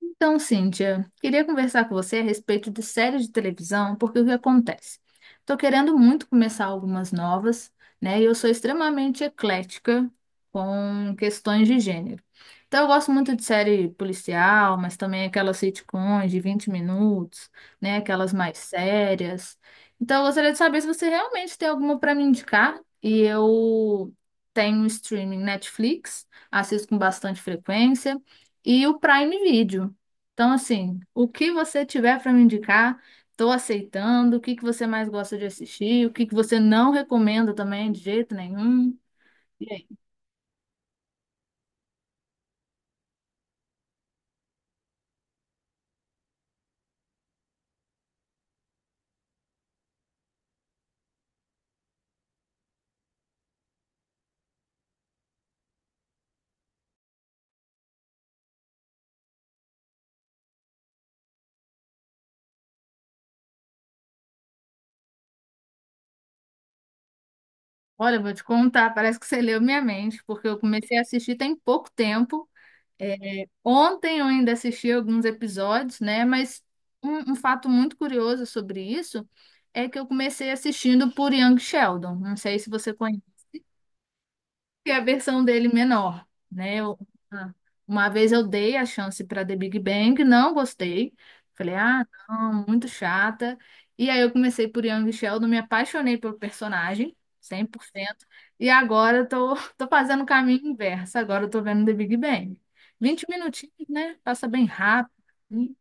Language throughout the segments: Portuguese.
Então, Cíntia, queria conversar com você a respeito de séries de televisão, porque o que acontece? Estou querendo muito começar algumas novas, né? E eu sou extremamente eclética com questões de gênero. Então, eu gosto muito de série policial, mas também aquelas sitcoms de 20 minutos, né? Aquelas mais sérias. Então, eu gostaria de saber se você realmente tem alguma para me indicar. E eu tenho streaming Netflix, assisto com bastante frequência. E o Prime Video. Então, assim, o que você tiver para me indicar, estou aceitando. O que que você mais gosta de assistir? O que que você não recomenda também, de jeito nenhum? E aí? Olha, eu vou te contar, parece que você leu minha mente, porque eu comecei a assistir tem pouco tempo. É, ontem eu ainda assisti alguns episódios, né? Mas um fato muito curioso sobre isso é que eu comecei assistindo por Young Sheldon. Não sei se você conhece, que é a versão dele menor, né? Ah, uma vez eu dei a chance para The Big Bang, não gostei. Falei, ah, não, muito chata. E aí eu comecei por Young Sheldon, me apaixonei pelo personagem, 100%. E agora eu tô, tô fazendo o caminho inverso. Agora eu tô vendo The Big Bang, 20 minutinhos, né? Passa bem rápido, assim.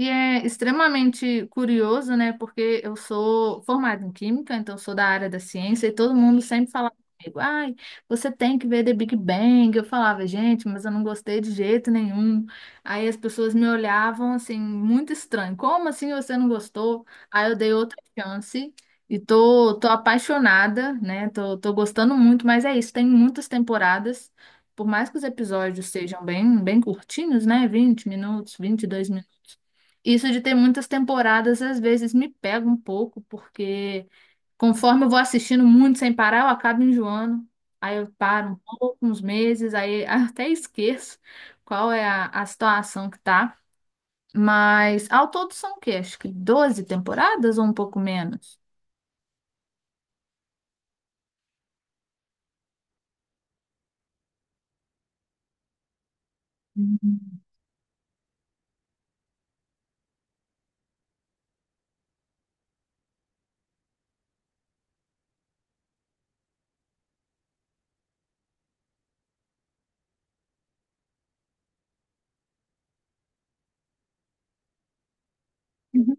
E é extremamente curioso, né? Porque eu sou formada em química, então eu sou da área da ciência, e todo mundo sempre falava comigo, ai, você tem que ver The Big Bang. Eu falava, gente, mas eu não gostei de jeito nenhum. Aí as pessoas me olhavam assim, muito estranho. Como assim você não gostou? Aí eu dei outra chance e tô apaixonada, né? Tô gostando muito, mas é isso, tem muitas temporadas. Por mais que os episódios sejam bem, bem curtinhos, né? 20 minutos, 22 minutos. Isso de ter muitas temporadas às vezes me pega um pouco, porque conforme eu vou assistindo muito sem parar, eu acabo enjoando. Aí eu paro um pouco, uns meses, aí até esqueço qual é a situação que tá. Mas ao todo são o quê? Acho que 12 temporadas ou um pouco menos? Hum.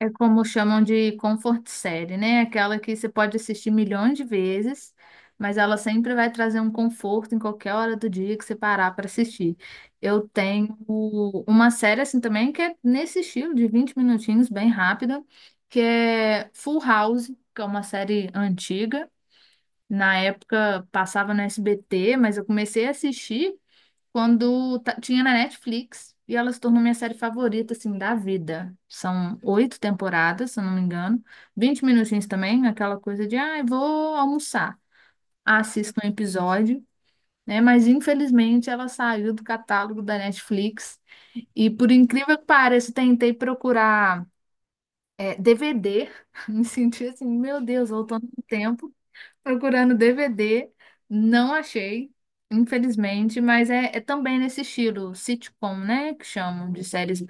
É como chamam de comfort série, né? Aquela que você pode assistir milhões de vezes, mas ela sempre vai trazer um conforto em qualquer hora do dia que você parar para assistir. Eu tenho uma série assim também que é nesse estilo de 20 minutinhos, bem rápida, que é Full House, que é uma série antiga. Na época passava no SBT, mas eu comecei a assistir quando tinha na Netflix e ela se tornou minha série favorita, assim, da vida. São oito temporadas, se eu não me engano. Vinte minutinhos também, aquela coisa de, ah, eu vou almoçar. Ah, assisto um episódio, né? Mas infelizmente ela saiu do catálogo da Netflix. E por incrível que pareça, eu tentei procurar DVD. Me senti assim, meu Deus, voltando no tempo. Procurando DVD, não achei, infelizmente, mas é também nesse estilo sitcom, né? Que chamam de séries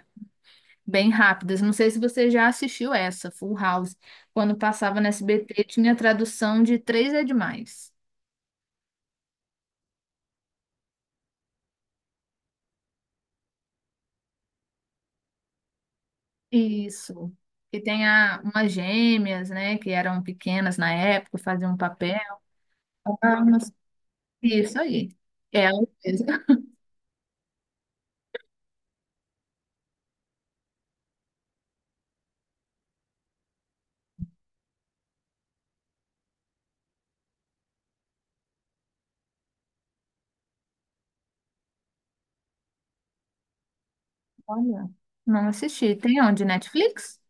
bem rápidas. Não sei se você já assistiu essa, Full House. Quando passava no SBT, tinha tradução de Três é Demais. Isso. E tem umas gêmeas, né? Que eram pequenas na época, faziam um papel. Ah, isso aí. É, ela fez. Olha, não assisti. Tem onde? Netflix?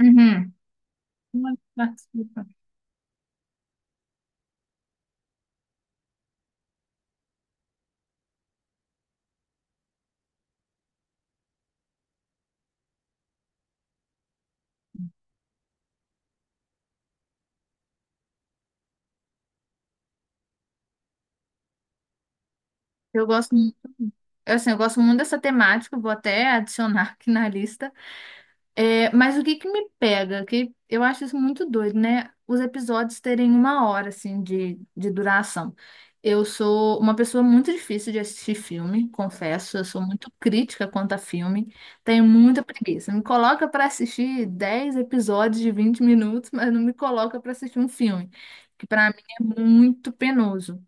Uhum. Não participo. Eu gosto, mu- assim, eu gosto muito dessa temática, vou até adicionar aqui na lista. É, mas o que que me pega, que eu acho isso muito doido, né? Os episódios terem uma hora, assim, de duração. Eu sou uma pessoa muito difícil de assistir filme, confesso. Eu sou muito crítica quanto a filme. Tenho muita preguiça. Me coloca para assistir 10 episódios de 20 minutos, mas não me coloca para assistir um filme, que para mim é muito penoso.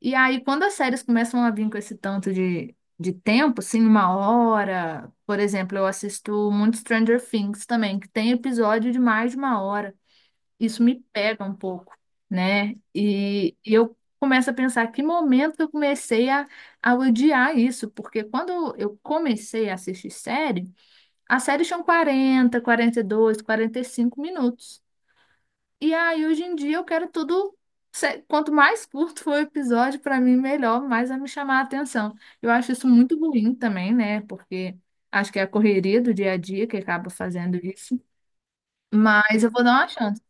E aí, quando as séries começam a vir com esse tanto de tempo, assim, uma hora, por exemplo, eu assisto muito Stranger Things também, que tem episódio de mais de uma hora. Isso me pega um pouco, né? E eu começo a pensar que momento que eu comecei a odiar isso, porque quando eu comecei a assistir série, as séries tinham 42, 45 minutos. E aí, hoje em dia, eu quero tudo. Quanto mais curto for o episódio, para mim, melhor, mais vai me chamar a atenção. Eu acho isso muito ruim também, né? Porque acho que é a correria do dia a dia que acaba fazendo isso. Mas eu vou dar uma chance.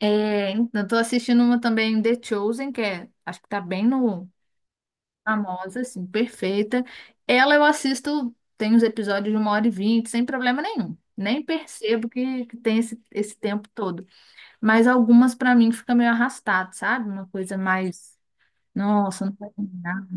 Então tô assistindo uma também, The Chosen, que é, acho que tá bem no famosa, assim, perfeita. Ela eu assisto, tem uns episódios de uma hora e vinte, sem problema nenhum. Nem percebo que tem esse tempo todo. Mas algumas pra mim fica meio arrastado, sabe? Uma coisa mais. Nossa, não vai terminar.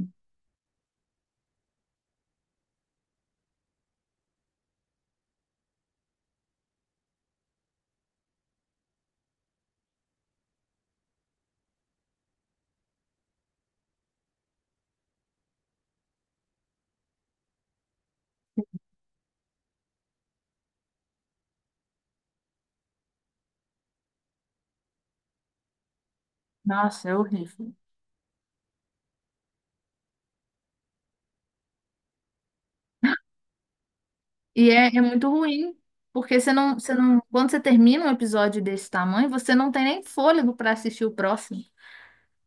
Nossa, é horrível. E é muito ruim, porque você não, quando você termina um episódio desse tamanho, você não tem nem fôlego pra assistir o próximo.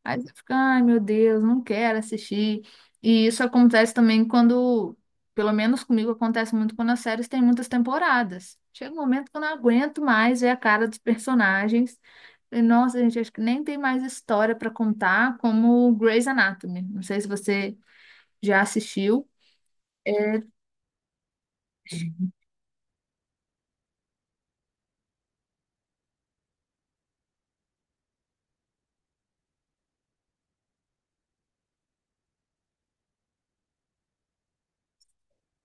Aí você fica, ai meu Deus, não quero assistir. E isso acontece também quando, pelo menos comigo, acontece muito quando as séries têm muitas temporadas. Chega um momento que eu não aguento mais ver a cara dos personagens. E, nossa, gente, acho que nem tem mais história para contar, como Grey's Anatomy. Não sei se você já assistiu.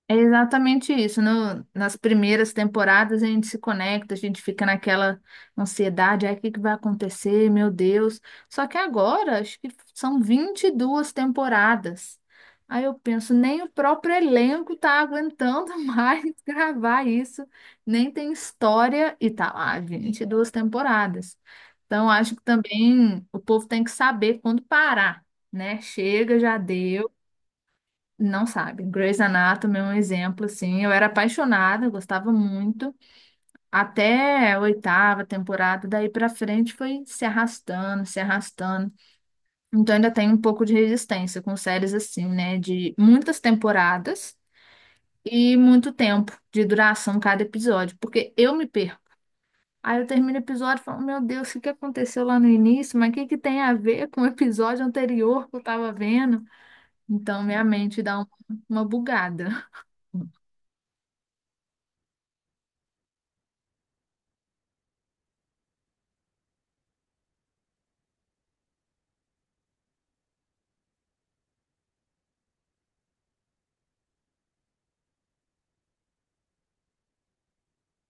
É exatamente isso. Nas primeiras temporadas a gente se conecta, a gente fica naquela ansiedade, aí o que que vai acontecer? Meu Deus. Só que agora, acho que são 22 temporadas. Aí eu penso, nem o próprio elenco tá aguentando mais gravar isso, nem tem história e tá lá, 22 temporadas. Então acho que também o povo tem que saber quando parar, né? Chega, já deu. Não sabe. Grey's Anatomy é um exemplo, assim. Eu era apaixonada, eu gostava muito. Até a oitava temporada, daí pra frente foi se arrastando, se arrastando. Então ainda tem um pouco de resistência com séries assim, né? De muitas temporadas e muito tempo de duração cada episódio. Porque eu me perco. Aí eu termino o episódio e falo, meu Deus, o que que aconteceu lá no início? Mas o que que tem a ver com o episódio anterior que eu tava vendo? Então minha mente dá uma bugada.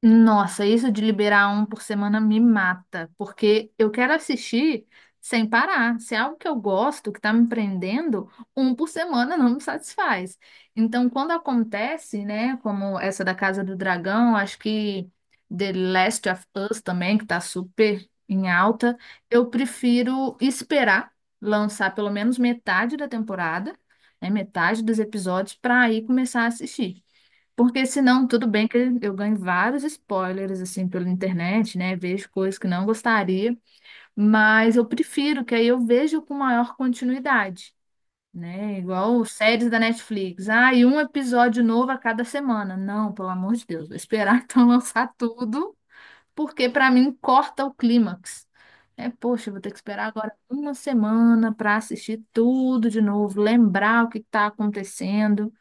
Nossa, isso de liberar um por semana me mata, porque eu quero assistir sem parar. Se é algo que eu gosto, que está me prendendo, um por semana não me satisfaz. Então, quando acontece, né, como essa da Casa do Dragão, acho que The Last of Us também, que está super em alta, eu prefiro esperar lançar pelo menos metade da temporada, né, metade dos episódios, para aí começar a assistir. Porque senão, tudo bem que eu ganho vários spoilers, assim, pela internet, né? Vejo coisas que não gostaria, mas eu prefiro que aí eu vejo com maior continuidade, né? Igual séries da Netflix. Ah, e um episódio novo a cada semana. Não, pelo amor de Deus, vou esperar então lançar tudo, porque para mim corta o clímax. É, poxa, eu vou ter que esperar agora uma semana para assistir tudo de novo, lembrar o que está acontecendo.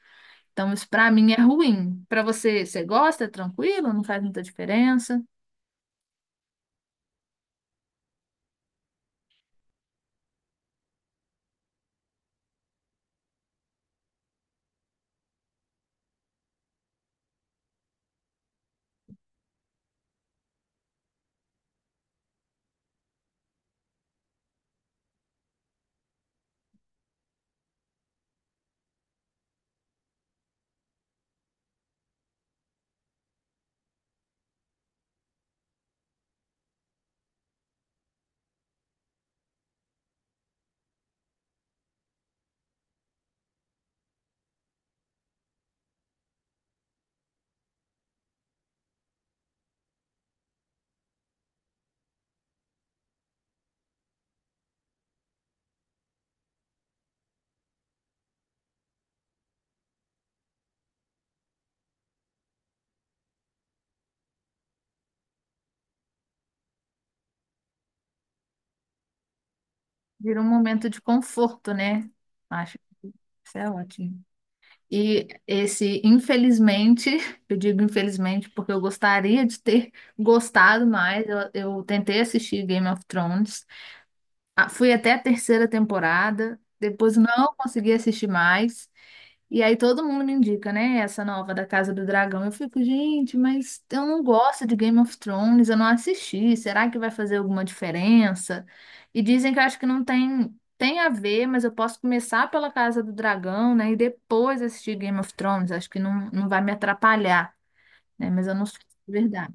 Então, isso para mim é ruim. Para você, você gosta? É tranquilo? Não faz muita diferença? Vira um momento de conforto, né? Acho que isso é ótimo. E esse, infelizmente, eu digo infelizmente porque eu gostaria de ter gostado mais. Eu tentei assistir Game of Thrones. Ah, fui até a terceira temporada, depois não consegui assistir mais. E aí todo mundo me indica, né? Essa nova da Casa do Dragão. Eu fico, gente, mas eu não gosto de Game of Thrones, eu não assisti. Será que vai fazer alguma diferença? E dizem que eu acho que não tem a ver, mas eu posso começar pela Casa do Dragão, né? E depois assistir Game of Thrones. Acho que não, não vai me atrapalhar, né? Mas eu não sei se é verdade.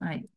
Aí,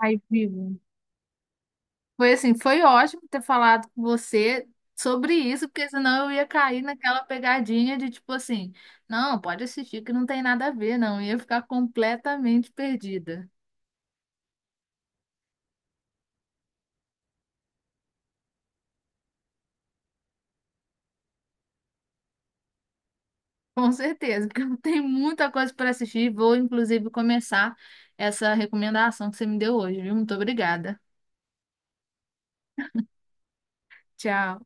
aí, vivo. Foi assim, foi ótimo ter falado com você sobre isso, porque senão eu ia cair naquela pegadinha de tipo assim, não, pode assistir que não tem nada a ver, não. Eu ia ficar completamente perdida. Com certeza, porque eu tenho muita coisa para assistir. Vou, inclusive, começar essa recomendação que você me deu hoje, viu? Muito obrigada. Tchau.